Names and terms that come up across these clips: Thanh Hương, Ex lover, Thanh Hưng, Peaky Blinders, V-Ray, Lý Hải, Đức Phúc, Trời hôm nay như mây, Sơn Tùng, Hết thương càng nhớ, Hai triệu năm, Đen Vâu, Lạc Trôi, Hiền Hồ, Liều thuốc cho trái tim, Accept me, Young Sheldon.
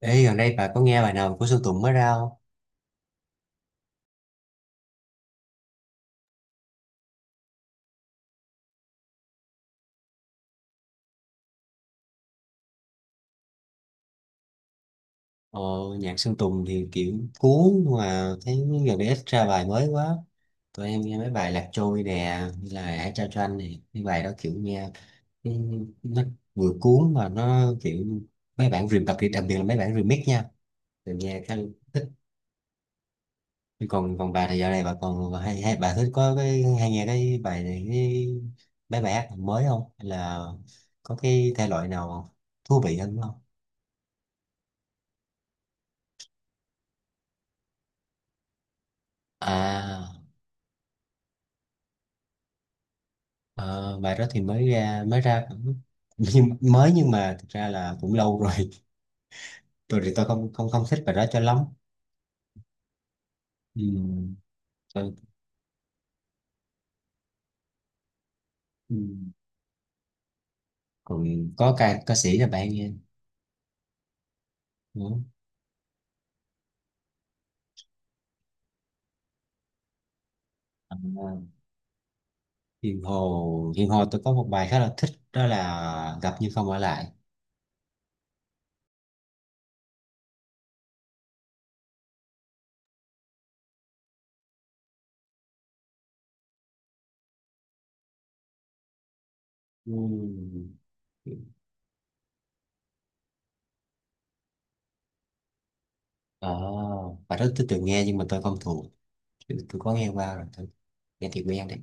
Ê, gần đây bà có nghe bài nào của Sơn Tùng mới ra không? Ờ, nhạc Sơn Tùng thì kiểu cuốn mà thấy gần đây ít ra bài mới quá. Tụi em nghe mấy bài Lạc Trôi nè, như là Hãy trao cho anh nè. Cái bài đó kiểu nghe ừ, nó vừa cuốn mà nó kiểu mấy bản remix đặc biệt, đặc biệt là mấy bản remix nha. Tụi nghe khá thích. Còn còn bà thì dạo này bà còn hay, hay bà thích có cái hay nghe cái bài này cái mấy bài hát mới không? Hay là có cái thể loại nào thú vị hơn không? À. Ờ, bài đó thì mới ra, mới ra cũng nhưng mới, nhưng mà thực ra là cũng lâu rồi. Tôi thì tôi không không không thích bài đó cho lắm. Ừ, tôi, ừ, còn có ca ca sĩ là bạn nghe nữa. Ờ, Hiền Hồ, Hiền Hồ tôi có một bài khá là thích, đó là gặp nhưng không ở lại. Ừ. Ờ, bài đó tôi từng nghe nhưng mà tôi không thuộc. Tôi có nghe qua rồi, tôi nghe thì quen đấy,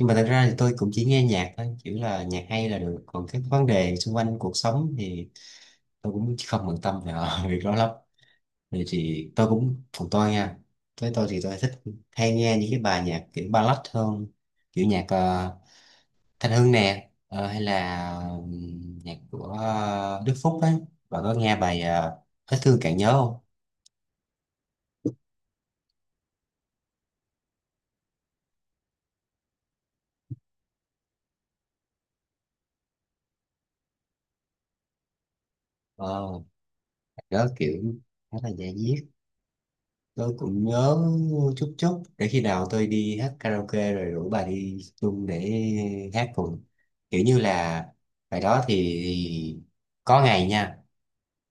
nhưng mà thật ra thì tôi cũng chỉ nghe nhạc thôi, chỉ là nhạc hay là được, còn các vấn đề xung quanh cuộc sống thì tôi cũng không bận tâm về việc đó lắm. Thì tôi cũng còn tôi nha, với tôi thì tôi thích, hay nghe những cái bài nhạc kiểu ballad hơn, kiểu nhạc Thanh Hương nè, hay là nhạc của Đức Phúc ấy. Bạn có nghe bài Hết thương càng nhớ không? ờ, Đó kiểu khá là da diết, tôi cũng nhớ chút chút, để khi nào tôi đi hát karaoke rồi rủ bà đi chung để hát cùng, kiểu như là bài đó thì có ngày nha,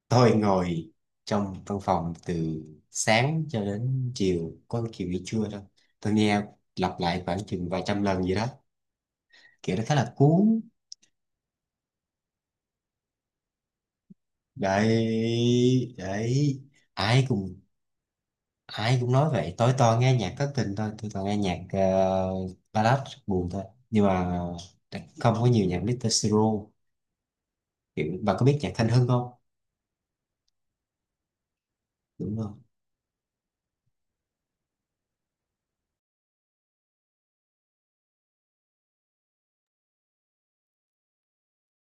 tôi ngồi trong văn phòng từ sáng cho đến chiều, có chiều nghỉ trưa thôi, tôi nghe lặp lại khoảng chừng vài trăm lần gì đó, kiểu nó khá là cuốn. Đấy, đấy, ai cùng ai cũng nói vậy, tối toàn nghe nhạc thất tình thôi, tôi toàn nghe nhạc ballad buồn thôi, nhưng mà không có nhiều nhạc Mr. Siro. Kiểu bà có biết nhạc Thanh Hưng không, đúng không?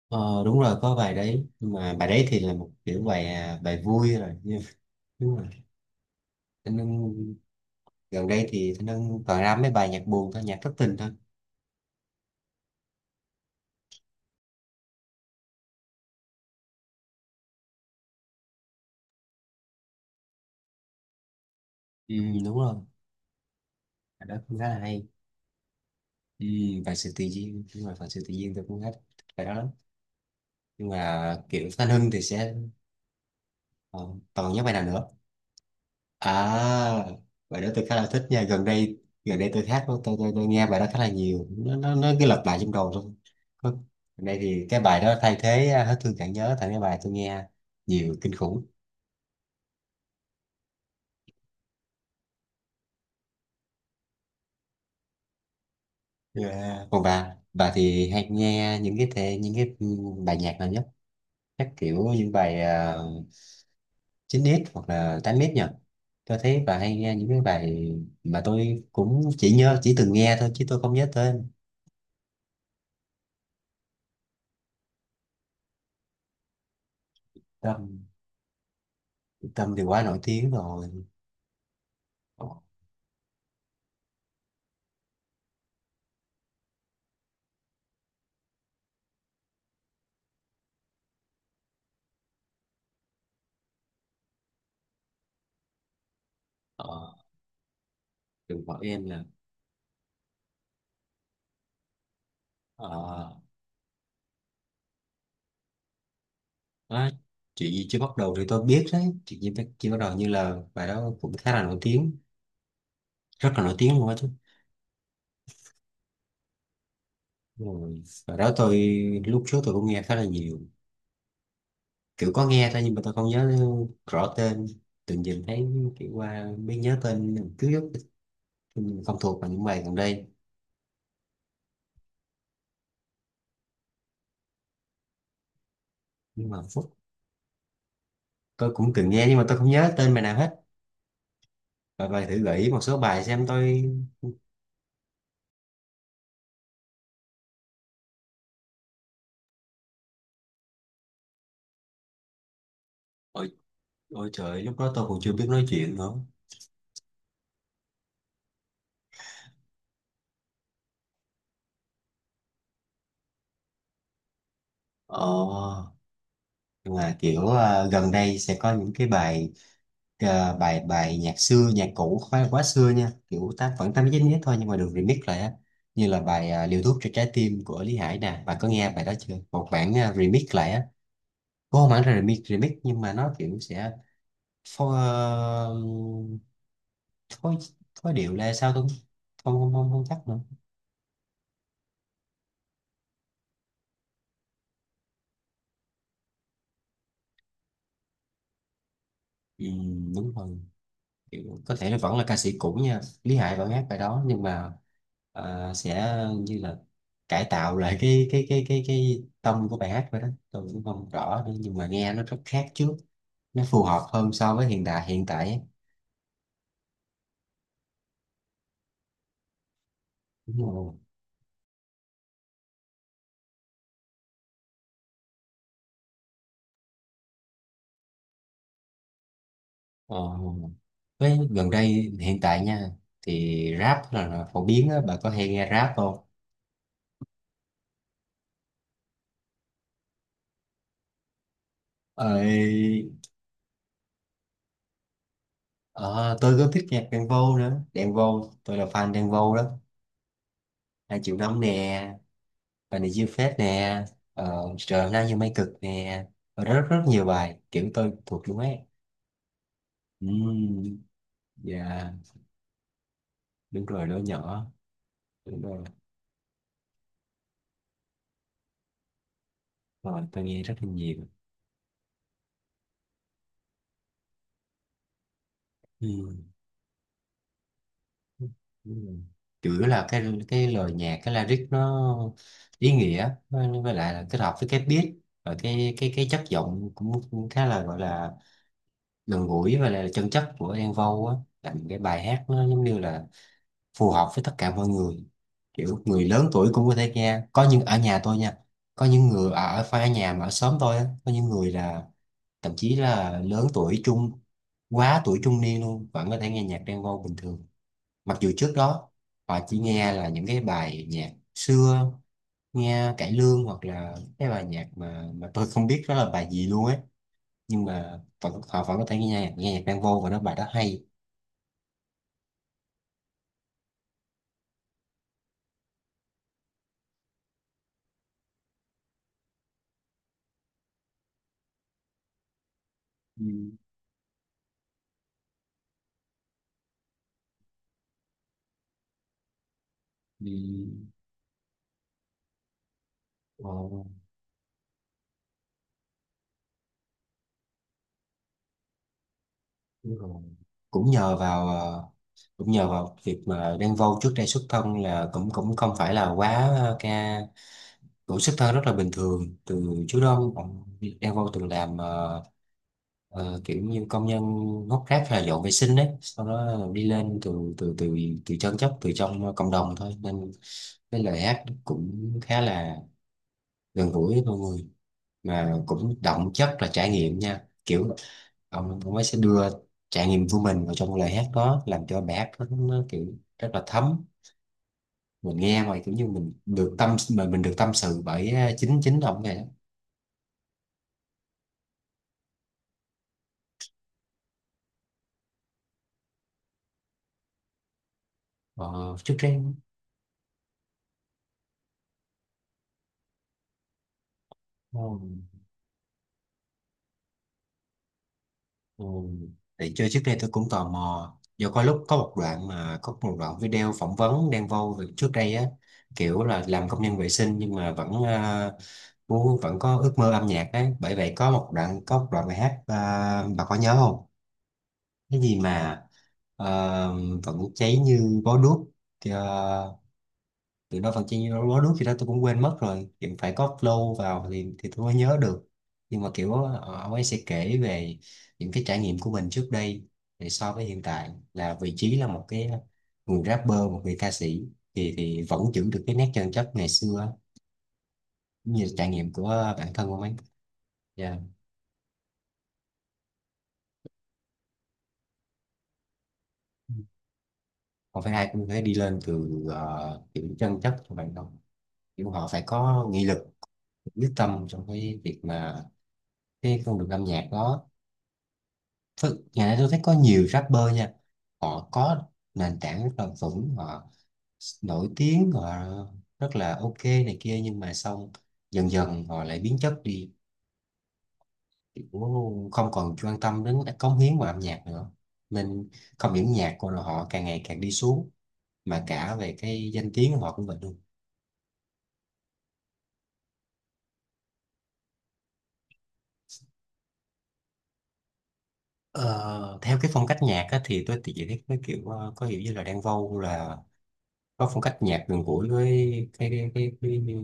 Ờ, đúng rồi, có bài đấy, nhưng mà bài đấy thì là một kiểu bài, à, bài vui rồi. Nhưng đúng rồi, Thanh Hưng gần đây thì Thanh Hưng toàn ra mấy bài nhạc buồn thôi, nhạc thất tình thôi. Ừ, đúng rồi, bài đó cũng khá là hay. Ừ, bài sự tự nhiên, đúng rồi, phần sự tự nhiên tôi cũng hết bài đó lắm, nhưng mà kiểu Thanh Hưng thì sẽ ờ, toàn nhớ bài nào nữa. À, bài đó tôi khá là thích nha. Gần đây tôi hát, tôi nghe bài đó khá là nhiều. Nó cứ lặp lại trong đầu thôi. Có- gần đây thì cái bài đó thay thế, à, hết thương chẳng nhớ thành cái bài tôi nghe nhiều kinh khủng. Yeah. Còn bà thì hay nghe những cái thể, những cái bài nhạc nào nhất? Chắc kiểu những bài uh, 9x hoặc là 8x nhỉ? Tôi thấy bà hay nghe những cái bài mà tôi cũng chỉ nhớ, chỉ từng nghe thôi chứ tôi không nhớ tên. Tâm, Tâm thì quá nổi tiếng rồi. Ờ. Đừng bảo em là ờ, ờ, á, chuyện gì chưa bắt đầu thì tôi biết đấy, chuyện gì chưa bắt đầu, như là bài đó cũng khá là nổi tiếng, rất là nổi tiếng luôn á chứ. Rồi bài đó tôi lúc trước tôi cũng nghe khá là nhiều, kiểu có nghe thôi nhưng mà tôi không nhớ rõ tên, tự nhìn thấy kiểu qua mới nhớ tên, cứ không thuộc vào những bài gần đây. Nhưng mà phút tôi cũng từng nghe nhưng mà tôi không nhớ tên bài nào hết. Và bài thử gợi ý một số bài xem tôi. ôi, Ôi trời, lúc đó tôi còn chưa biết nói chuyện nữa. ờ nhưng mà kiểu gần đây sẽ có những cái bài bài, bài nhạc xưa, nhạc cũ, không phải là quá xưa nha, kiểu tám vẫn tám chín nhất thôi, nhưng mà được remix lại á, như là bài liều thuốc cho trái tim của Lý Hải nè, bạn có nghe bài đó chưa? Một bản remix lại á, có không hẳn là remix, remix nhưng mà nó kiểu sẽ phô, phối, phối điệu là sao, tôi không không không không chắc nữa. Ừ, đúng rồi. Kiểu, có thể nó vẫn là ca sĩ cũ nha, Lý Hải vẫn hát bài đó nhưng mà sẽ như là cải tạo lại cái tông của bài hát vậy đó, tôi cũng không rõ nữa, nhưng mà nghe nó rất khác trước, nó phù hợp hơn so với hiện đại, hiện tại ấy. Đúng rồi. Ờ, với gần đây, hiện tại nha, thì rap là phổ biến á, bà có hay nghe rap không? Ơi, ờ, tôi có thích nhạc Đen Vâu nữa, Đen Vâu tôi là fan Đen Vâu đó, hai triệu năm nè, bài này diêu phết nè, ờ, trời hôm nay như mây cực nè, và rất rất nhiều bài kiểu tôi thuộc luôn ấy. Ừm, dạ, đúng rồi, đứa nhỏ, đúng rồi, rồi tôi nghe rất là nhiều. Ừm, đúng rồi, chủ yếu là cái lời nhạc, cái lyric nó ý nghĩa, với lại là kết hợp với cái beat và cái chất giọng cũng, cũng khá là gọi là gần gũi và là chân chất của Đen Vâu á, làm cái bài hát nó giống như là phù hợp với tất cả mọi người, kiểu người lớn tuổi cũng có thể nghe, có những ở nhà tôi nha, có những người ở ở- phải ở nhà, mà ở xóm tôi á, có những người là thậm chí là lớn tuổi trung, quá tuổi trung niên luôn vẫn có thể nghe nhạc Đen Vâu bình thường, mặc dù trước đó họ chỉ nghe là những cái bài nhạc xưa, nghe cải lương hoặc là cái bài nhạc mà tôi không biết đó là bài gì luôn ấy, nhưng mà vẫn, họ vẫn có thể nghe nhạc, nghe nhạc Đen Vâu, và nó bài đó hay. Ừ. Ừ. Ờ. Đúng rồi. Cũng nhờ vào cũng nhờ vào việc mà Đen Vâu trước đây xuất thân là cũng, cũng không phải là quá ờ, ca cũng xuất thân rất là bình thường. Từ trước đó ông Đen Vâu từng làm kiểu như công nhân hốt rác hay là dọn vệ sinh đấy, sau đó đi lên từ từ, chân chất, từ trong cộng đồng thôi, nên cái lời hát cũng khá là gần gũi với mọi người, mà cũng đậm chất là trải nghiệm nha, kiểu ông ấy sẽ đưa trải nghiệm của mình vào trong lời hát đó, làm cho bài hát nó kiểu rất là thấm, mình nghe mà kiểu như mình được tâm mà mình được tâm sự bởi chính, chính ông này đó. Ờ, Trước đây ờ, ừ. Thì chơi trước đây tôi cũng tò mò, do có lúc có một đoạn mà có một đoạn video phỏng vấn Đen Vâu về trước đây á, kiểu là làm công nhân vệ sinh nhưng mà vẫn, à, muốn, vẫn có ước mơ âm nhạc ấy, bởi vậy có một đoạn, có một đoạn bài hát, à, bà có nhớ không? Cái gì mà ờ, vẫn cháy như bó đuốc, ờ, từ đó phần chi nó lúa nước gì đó, tôi cũng quên mất rồi, kiểu phải có flow vào thì tôi mới nhớ được, nhưng mà kiểu ông ấy sẽ kể về những cái trải nghiệm của mình trước đây, thì so với hiện tại là vị trí là một cái người rapper, một người ca sĩ, thì vẫn giữ được cái nét chân chất ngày xưa, cũng như trải nghiệm của bản thân ông ấy. Dạ, không phải ai cũng phải đi lên từ kiểu chân chất của bạn đâu, kiểu họ phải có nghị lực, quyết tâm trong cái việc mà cái con đường âm nhạc đó. Thực- ngày nay tôi thấy có nhiều rapper nha, họ có nền tảng rất là vững, họ nổi tiếng, họ rất là ok này kia, nhưng mà xong dần dần họ lại biến chất đi. Kiểu không còn quan tâm đến các cống hiến vào âm nhạc nữa, nên không những nhạc của họ càng ngày càng đi xuống, mà cả về cái danh tiếng của họ cũng vậy luôn. Ờ, theo cái phong cách nhạc á, thì tôi thì chỉ thấy cái kiểu có hiểu như là Đan Vâu là có phong cách nhạc gần gũi với cái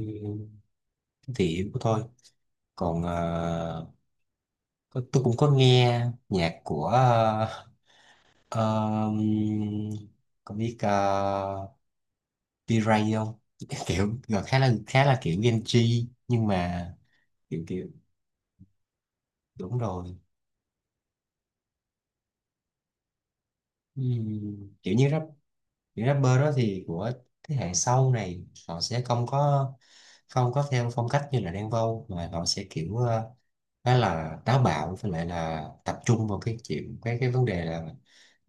thị hiếu của tôi, còn có, tôi cũng có nghe nhạc của ờm, có biết V-Ray không? Kiểu rồi khá là kiểu Gen Z nhưng mà kiểu kiểu đúng rồi. Kiểu như rap, kiểu rapper đó thì của thế hệ sau này, họ sẽ không có theo phong cách như là Đen Vâu, mà họ sẽ kiểu khá là táo bạo, với lại là tập trung vào cái chuyện cái vấn đề là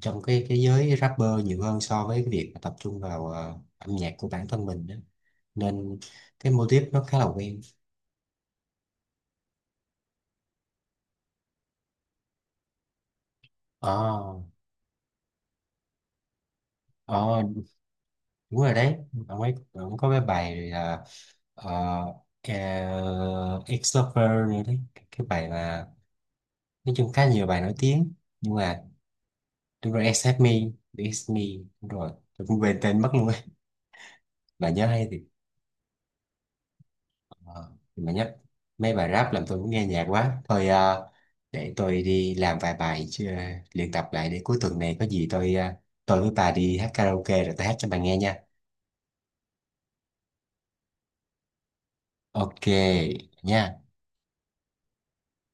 trong cái giới rapper nhiều hơn so với cái việc mà tập trung vào âm nhạc của bản thân mình đó. Nên cái mô típ nó khá là quen. ờ ờ Đúng rồi đấy, ông ấy có cái bài là uh, ex lover nữa đấy, cái bài mà nói chung khá nhiều bài nổi tiếng nhưng mà đúng rồi, accept me, accept me, đúng rồi, tôi cũng quên tên mất luôn ấy. Bà nhớ hay thì. Ờ, mà nhắc mấy bài rap làm tôi muốn nghe nhạc quá thôi, để tôi đi làm vài bài chứ, luyện tập lại, để cuối tuần này có gì tôi, tôi với bà đi hát karaoke rồi tôi hát cho bà nghe nha. Ok nha.